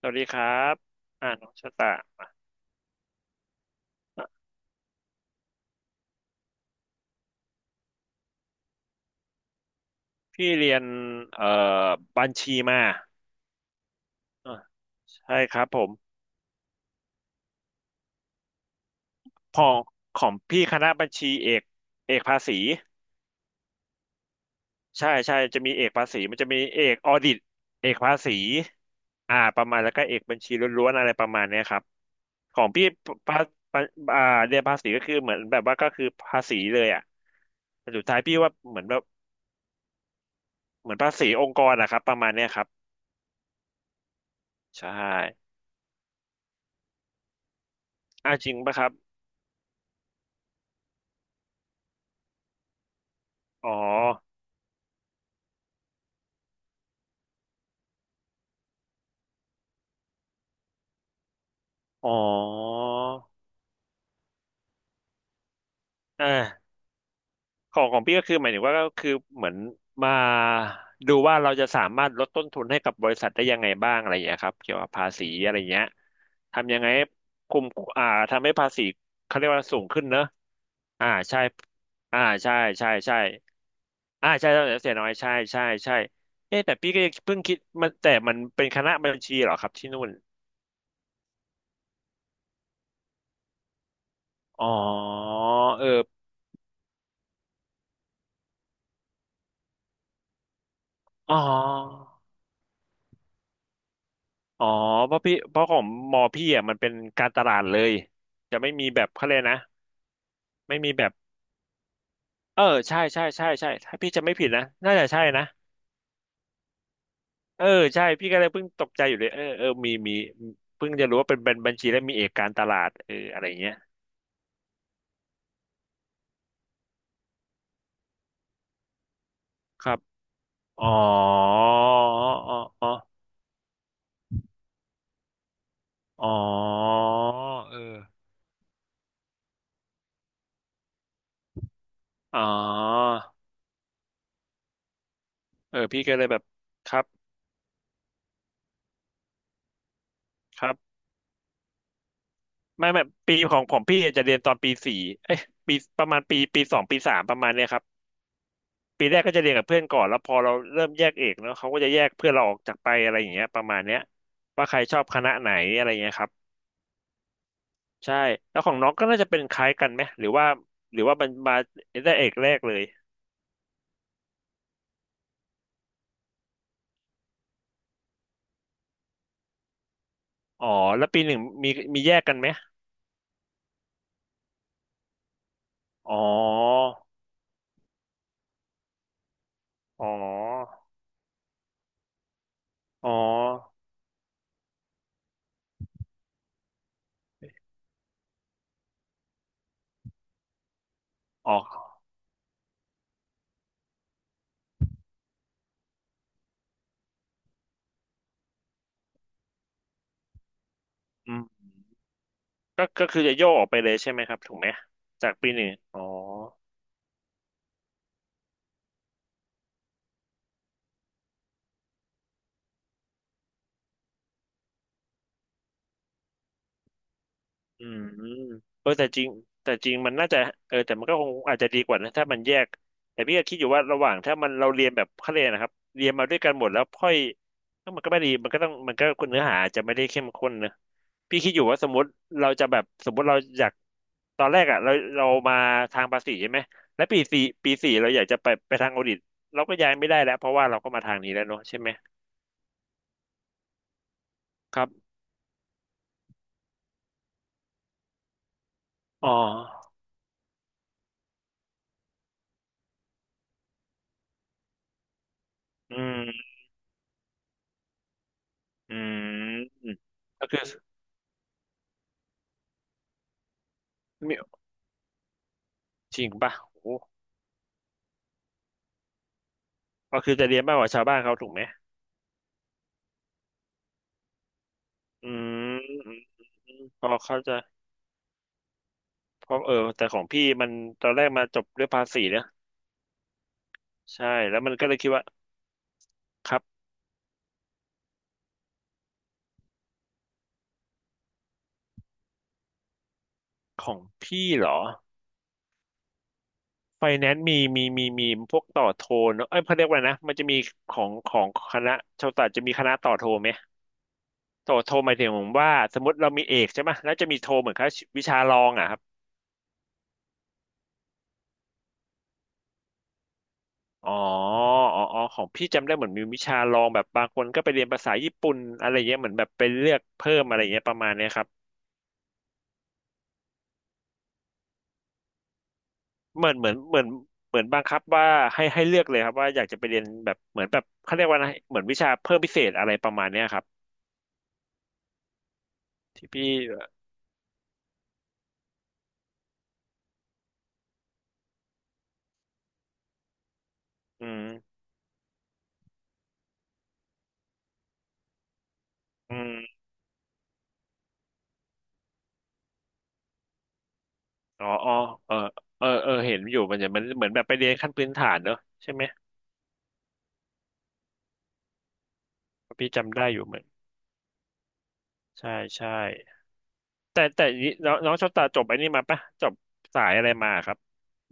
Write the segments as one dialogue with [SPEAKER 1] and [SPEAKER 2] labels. [SPEAKER 1] สวัสดีครับอ่าน้องชะตาอ่ะพี่เรียนเอ่อบัญชีมาอ่ะใช่ครับผมพอของพี่คณะบัญชีเอกภาษีใช่ใช่จะมีเอกภาษีมันจะมีเอกออดิตเอกภาษีอ่าประมาณแล้วก็เอกบัญชีล้วนๆอะไรประมาณเนี้ยครับของพี่ภาภาอ่าเรียนภาษีก็คือเหมือนแบบว่าก็คือภาษีเลยอ่ะแต่สุดท้ายพี่ว่าเหมือนแบบเหมือนภาษีองค์กรนะครับประมาณเนี้ยครับใช่อ่าจริงปะครับ อ๋ออ๋ออ่าของของพี่ก็คือหมายถึงว่าก็คือเหมือนมาดูว่าเราจะสามารถลดต้นทุนให้กับบริษัทได้ยังไงบ้างอะไรอย่างเงี้ยครับเกี่ยวกับภาษีอะไรเงี้ยทำยังไงให้คุมอ่าทำให้ภาษีเขาเรียกว่าสูงขึ้นเนอะอ่าใช่อ่าใช่ใช่ใช่อ่าใช่ต้องเสียน้อยใช่ใช่ใช่เอ๊ะแต่พี่ก็ยังเพิ่งคิดมันแต่มันเป็นคณะบัญชีเหรอครับที่นู่นอ๋อเอออ๋อ อ๋อเพราะพี่เพราะของมอพี่อ่ะมันเป็นการตลาดเลยจะไม่มีแบบเขาเลยกนะไม่มีแบบเออใช่ใช่ใช่ใช่ถ้าพี่จะไม่ผิดนะน่าจะใช่นะเออใช่พี่ก็เลยเพิ่งตกใจอยู่เลยเออเออมีมีเพิ่งจะรู้ว่าเป็นบัญชีและมีเอกการตลาดเอออะไรเงี้ยครับอ๋ออ๋ออ๋ออ๋อเอออ๋อเออพี่ก็เลยแบบครับครับไม่ปีของของพี่จะเรียนตอนปีสี่เอ้ยปีประมาณปีสองปีสามประมาณเนี้ยครับ ปีแรกก็จะเรียนกับเพื่อนก่อนแล้วพอเราเริ่มแยกเอกเนาะเขาก็จะแยกเพื่อนเราออกจากไปอะไรอย่างเงี้ยประมาณเนี้ยว่าใครชอบคณะไหนอะไรเงี้ยครับใช่แล้วของน้องก็น่าจะเป็นคล้ายกันไหมหรือว่าหรือว่ามันมาได้เอกแรกเลยอ๋อแล้วปีหนึ่งมีมีแยกกันไหมอ๋ออ๋ออ๋ออ๋ออืมก็คือจะโยกออกไปเลยใช่ไหมครับถูกไหมจากปีหนึ่งอ๋อ อืมเออแต่จริงแต่จริงมันน่าจะเออแต่มันก็คงอาจจะดีกว่านะถ้ามันแยกแต่พี่ก็คิดอยู่ว่าระหว่างถ้ามันเราเรียนแบบเขาเรียนนะครับเรียนมาด้วยกันหมดแล้วค่อยก็มันก็ไม่ดีมันก็ต้องมันก็เนื้อหาอาจจะไม่ได้เข้มข้นนะพี่คิดอยู่ว่าสมมติเราจะแบบสมมติเราอยากตอนแรกอ่ะเรามาทางภาษีใช่ไหมแล้วปีสี่เราอยากจะไปทางออดิตเราก็ย้ายไม่ได้แล้วเพราะว่าเราก็มาทางนี้แล้วเนอะใช่ไหมครับอ๋ออืมอืมก็คือ จริงป่ะโอ้โหก็คือจะเรียนมากกว่าชาวบ้านเขาถูกไหมอืมอืมอืมพอเขาใจะเพราะเออแต่ของพี่มันตอนแรกมาจบด้วยภาษีนะใช่แล้วมันก็เลยคิดว่าครับของพี่เหรอไฟแนนซ์มีพวกต่อโทเนอะเอ้ยเขาเรียกว่านะมันจะมีของคณะชาวศาสตร์จะมีคณะต่อโทไหมต่อโทหมายถึงว่าสมมติเรามีเอกใช่ไหมแล้วจะมีโทเหมือนกับวิชารองอ่ะ อ๋ออ๋ออ๋อของพี่จำได้เหมือนมีวิชาลองแบบบางคนก็ไปเรียนภาษาญี่ปุ่นอะไรเงี้ยเหมือนแบบไปเลือกเพิ่มอะไรเงี้ยประมาณเนี้ยครับเหมือนเหมือนบังคับว่าให้เลือกเลยครับว่าอยากจะไปเรียนแบบเหมือนแบบเขาเรียกว่าอะไรเหมือนวิชาเพิ่มพิเศษอะไรประมาณเนี้ยครับที่พี่อืมอืมอ๋ออ๋อเออเออเออเห็นอยู่มันจะมันเหมือนแบบไปเรียนขั้นพื้นฐานเนอะใช่ไหมพี่จำได้อยู่เหมือนใช่ใช่ แต่นี้น้องน้องโชอบตาจบไอ้นี่มาปะจบสายอะไรมาครับ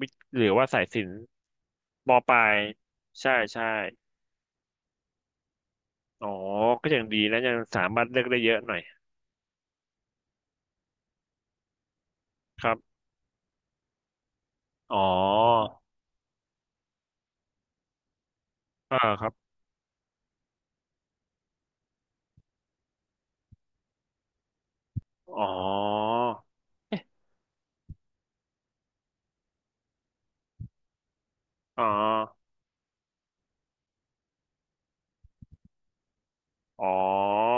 [SPEAKER 1] วิทย์หรือว่าสายศิลป์มปลายใช่ใช่อ๋อก็ยังดีนะยังสามารถเลือกได้เยอะหน่อยครับอ๋ออ่าครับอ๋อเอ๊ะอ๋ออ๋อ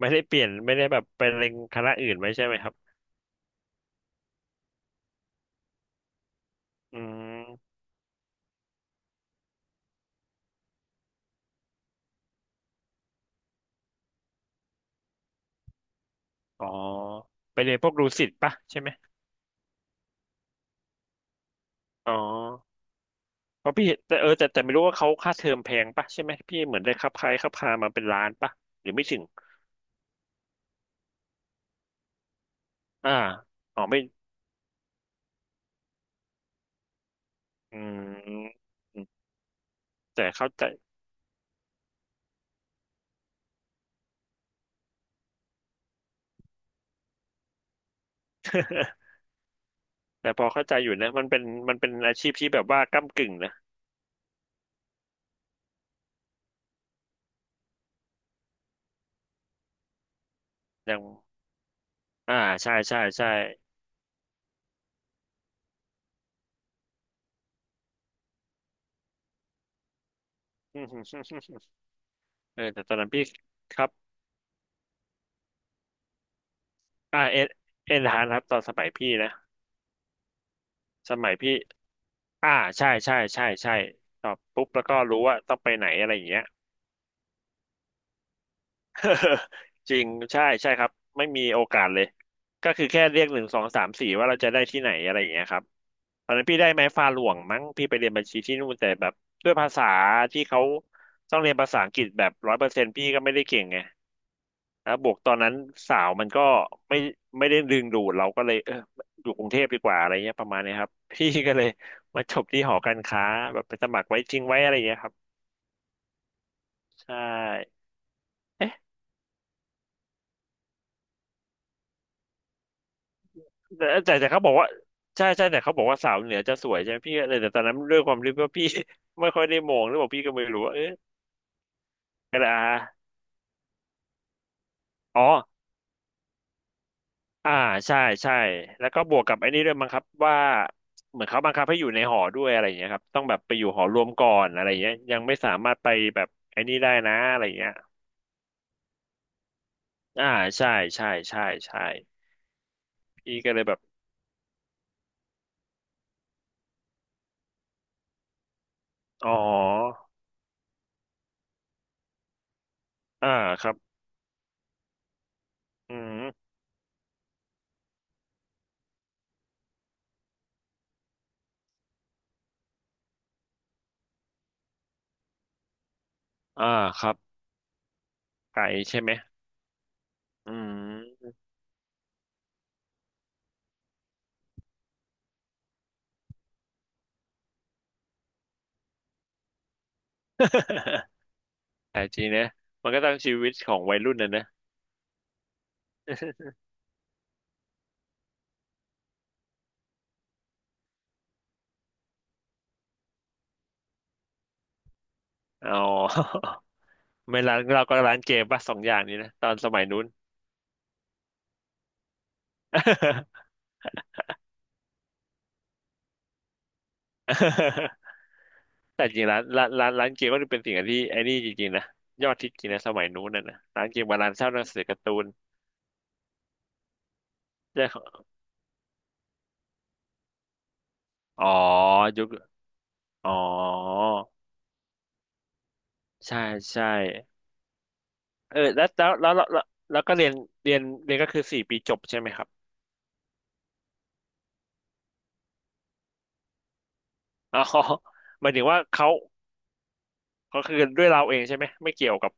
[SPEAKER 1] ไม่ได้แบบไปเล็งคณะอื่นไว้ใช่ไหมครับอืมอ๋อไปเรียนพวกดูสิตปะใช่ไหมอ๋อ เพราะพี่เห็นแต่เออแต่ไม่รู้ว่าเขาค่าเทอมแพงปะใช่ไหมพี่เหมือนได้ครับคล้ายครับพามาเป็นล้านปะหรือไม่ถึงอ่าอ๋อไม่อืมแต่เข้าใจ แต่พอเข้าใจอยู่นะมันเป็นมันเป็นอาชีพที่แบบว่าก้ำกึ่งนะยังอ่าใช่ใช่ใช่ เออแต่ตอนนั้นพี่ครับอ่าเอ็นเอ็นฮานครับตอนสมัยพี่นะสมัยพี่อ่าใช่ใช่ใช่ใช่ตอบปุ๊บแล้วก็รู้ว่าต้องไปไหนอะไรอย่างเงี้ย จริงใช่ใช่ครับไม่มีโอกาสเลยก็คือแค่เรียกหนึ่งสองสามสี่ว่าเราจะได้ที่ไหนอะไรอย่างเงี้ยครับตอนนั้นพี่ได้ไม้ฟาหลวงมั้งพี่ไปเรียนบัญชีที่นู่นแต่แบบด้วยภาษาที่เขาต้องเรียนภาษาอังกฤษแบบ100%พี่ก็ไม่ได้เก่งไงแล้วบวกตอนนั้นสาวมันก็ไม่ไม่ได้ดึงดูดเราก็เลยเอออยู่กรุงเทพดีกว่าอะไรเงี้ยประมาณเนี้ยครับ พี่ก็เลยมาจบที่หอการค้าแบบไปสมัครไว้จริงไว้อะไรเงี้ยครับใช่ แต่เขาบอกว่าใช่ใช่แต่เขาบอกว่าสาวเหนือจะสวยใช่ไหมพี่เลยแต่ตอนนั้นด้วยความที่ว่าพี่ ไม่ค่อยได้มองหรือเ่าพี่ก็ไม่รู้ว่าเอ๊ะกระดาอ๋ออ่าใช่ใช่แล้วก็บวกกับไอ้นี่ด้วยมั้งครับว่าเหมือนเขาบังคับให้อยู่ในหอด้วยอะไรอย่างเงี้ยครับต้องแบบไปอยู่หอรวมก่อนอะไรอย่างเงี้ยยังไม่สามารถไปแบบไอ้นี่ได้นะอะไรอย่างเงี้ยอ่าใช่ใช่ใช่ใช่พี่ก็เลยแบบอ๋ออ่าครับอืมอ่าครับไก่ใช่ไหมอืม แต่จริงนะมันก็ต้องชีวิตของวัยรุ่นนะนะอ๋อ ไม่ร้านเราก็ร้านเกมป่ะ2 อย่างนี้นะตอนสมัยนู้น แต่จริงร้านเกมก็เป็นสิ่งที่ไอ้นี่จริงๆนะยอดฮิตจริงนะสมัยนู้นนะนะร้านเกมกับร้านเช่าหนังสือการ์ตูนเรื่องของอ๋อยุคอ๋อใช่ใช่เออแล้วก็เรียนก็คือ4 ปีจบใช่ไหมครับอ๋อ หมายถึงว่าเขาคือด้วยเราเองใช่ไหมไม่เกี่ยวกับ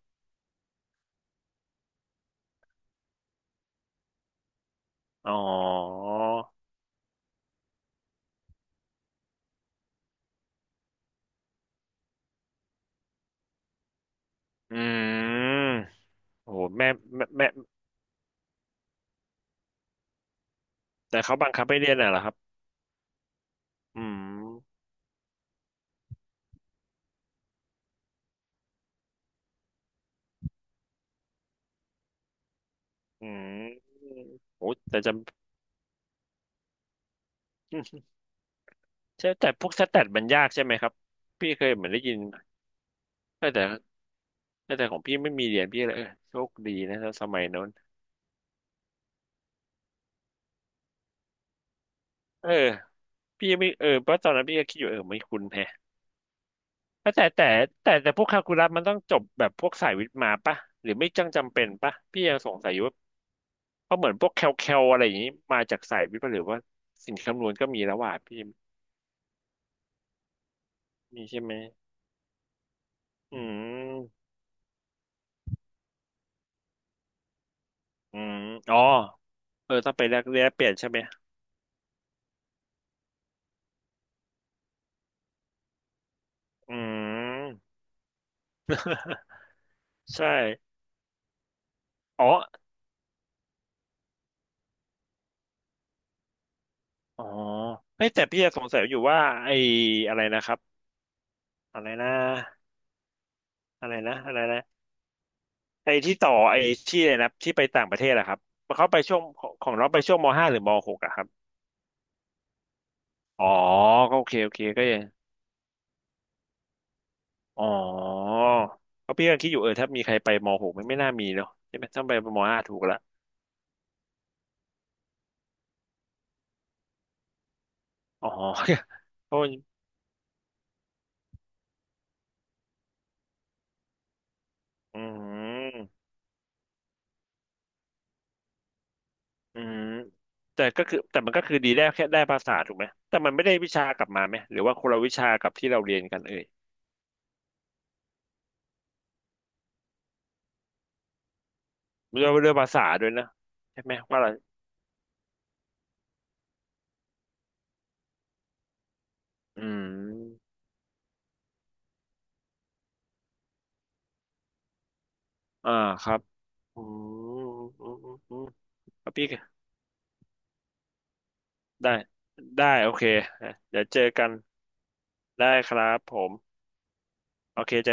[SPEAKER 1] อ๋อ อืมโอ้โหแม่แต่เขาบังคับให้เรียนน่ะเหรอครับอืมอืมโอ้แต่จำ ใช่แต่พวกสแตทมันยากใช่ไหมครับพี่เคยเหมือนได้ยินแต่แต่ของพี่ไม่มีเรียนพี่เลยเออโชคดีนะสมัยโน้นเออพี่ไม่เออเพราะตอนนั้นพี่ก็คิดอยู่เออไม่คุ้นแฮะแต่แต่แต่พวกคาลคูลัสมันต้องจบแบบพวกสายวิทย์มาปะหรือไม่จังจำเป็นปะพี่ยังสงสัยอยู่ว่าเพราะเหมือนพวกแคลอะไรอย่างนี้มาจากสายวิทย์ปะหรือว่าสิ่งคำนวณก็มีแล้วว่ะพี่ มีใช่ไหมอืมอืมอ๋อเออต้องไปแลกเปลี่ยนใช่ไหมอืม ใช่อ๋ออ๋อเฮ้ยแต่พี่ยังสงสัยอยู่ว่าไอ้อะไรนะครับอะไรนะอะไรนะอะไรนะไอ้ที่อะไรนะที่ไปต่างประเทศอะครับเขาไปช่วงของน้องไปช่วงมห้าหรือมหกอะครับอ๋อก็โอเคโอเคก็ยังอ๋อเพราะพี่ยังคิดอยู่เออถ้ามีใครไปมหกมันไม่น่ามีเนาะใช่ไหมต้องไปมห้าถูกละอ๋อ โอ้ยอืม อืมแต่ก็คือแต่มันก็คือดีได้แค่ได้ภาษาถูกไหมแต่มันไม่ได้วิชากลับมาไหมหรือว่าคนละวิชากับที่เราเรียนกันเอ่ยด้วยด้วยภาษาด้วยนะใช่ไหมว่าอะไรอืมอ่าครับอืมอืมอืมอืมครับพี่ได้ได้โอเคเดี๋ยวเจอกันได้ครับผมโอเคจ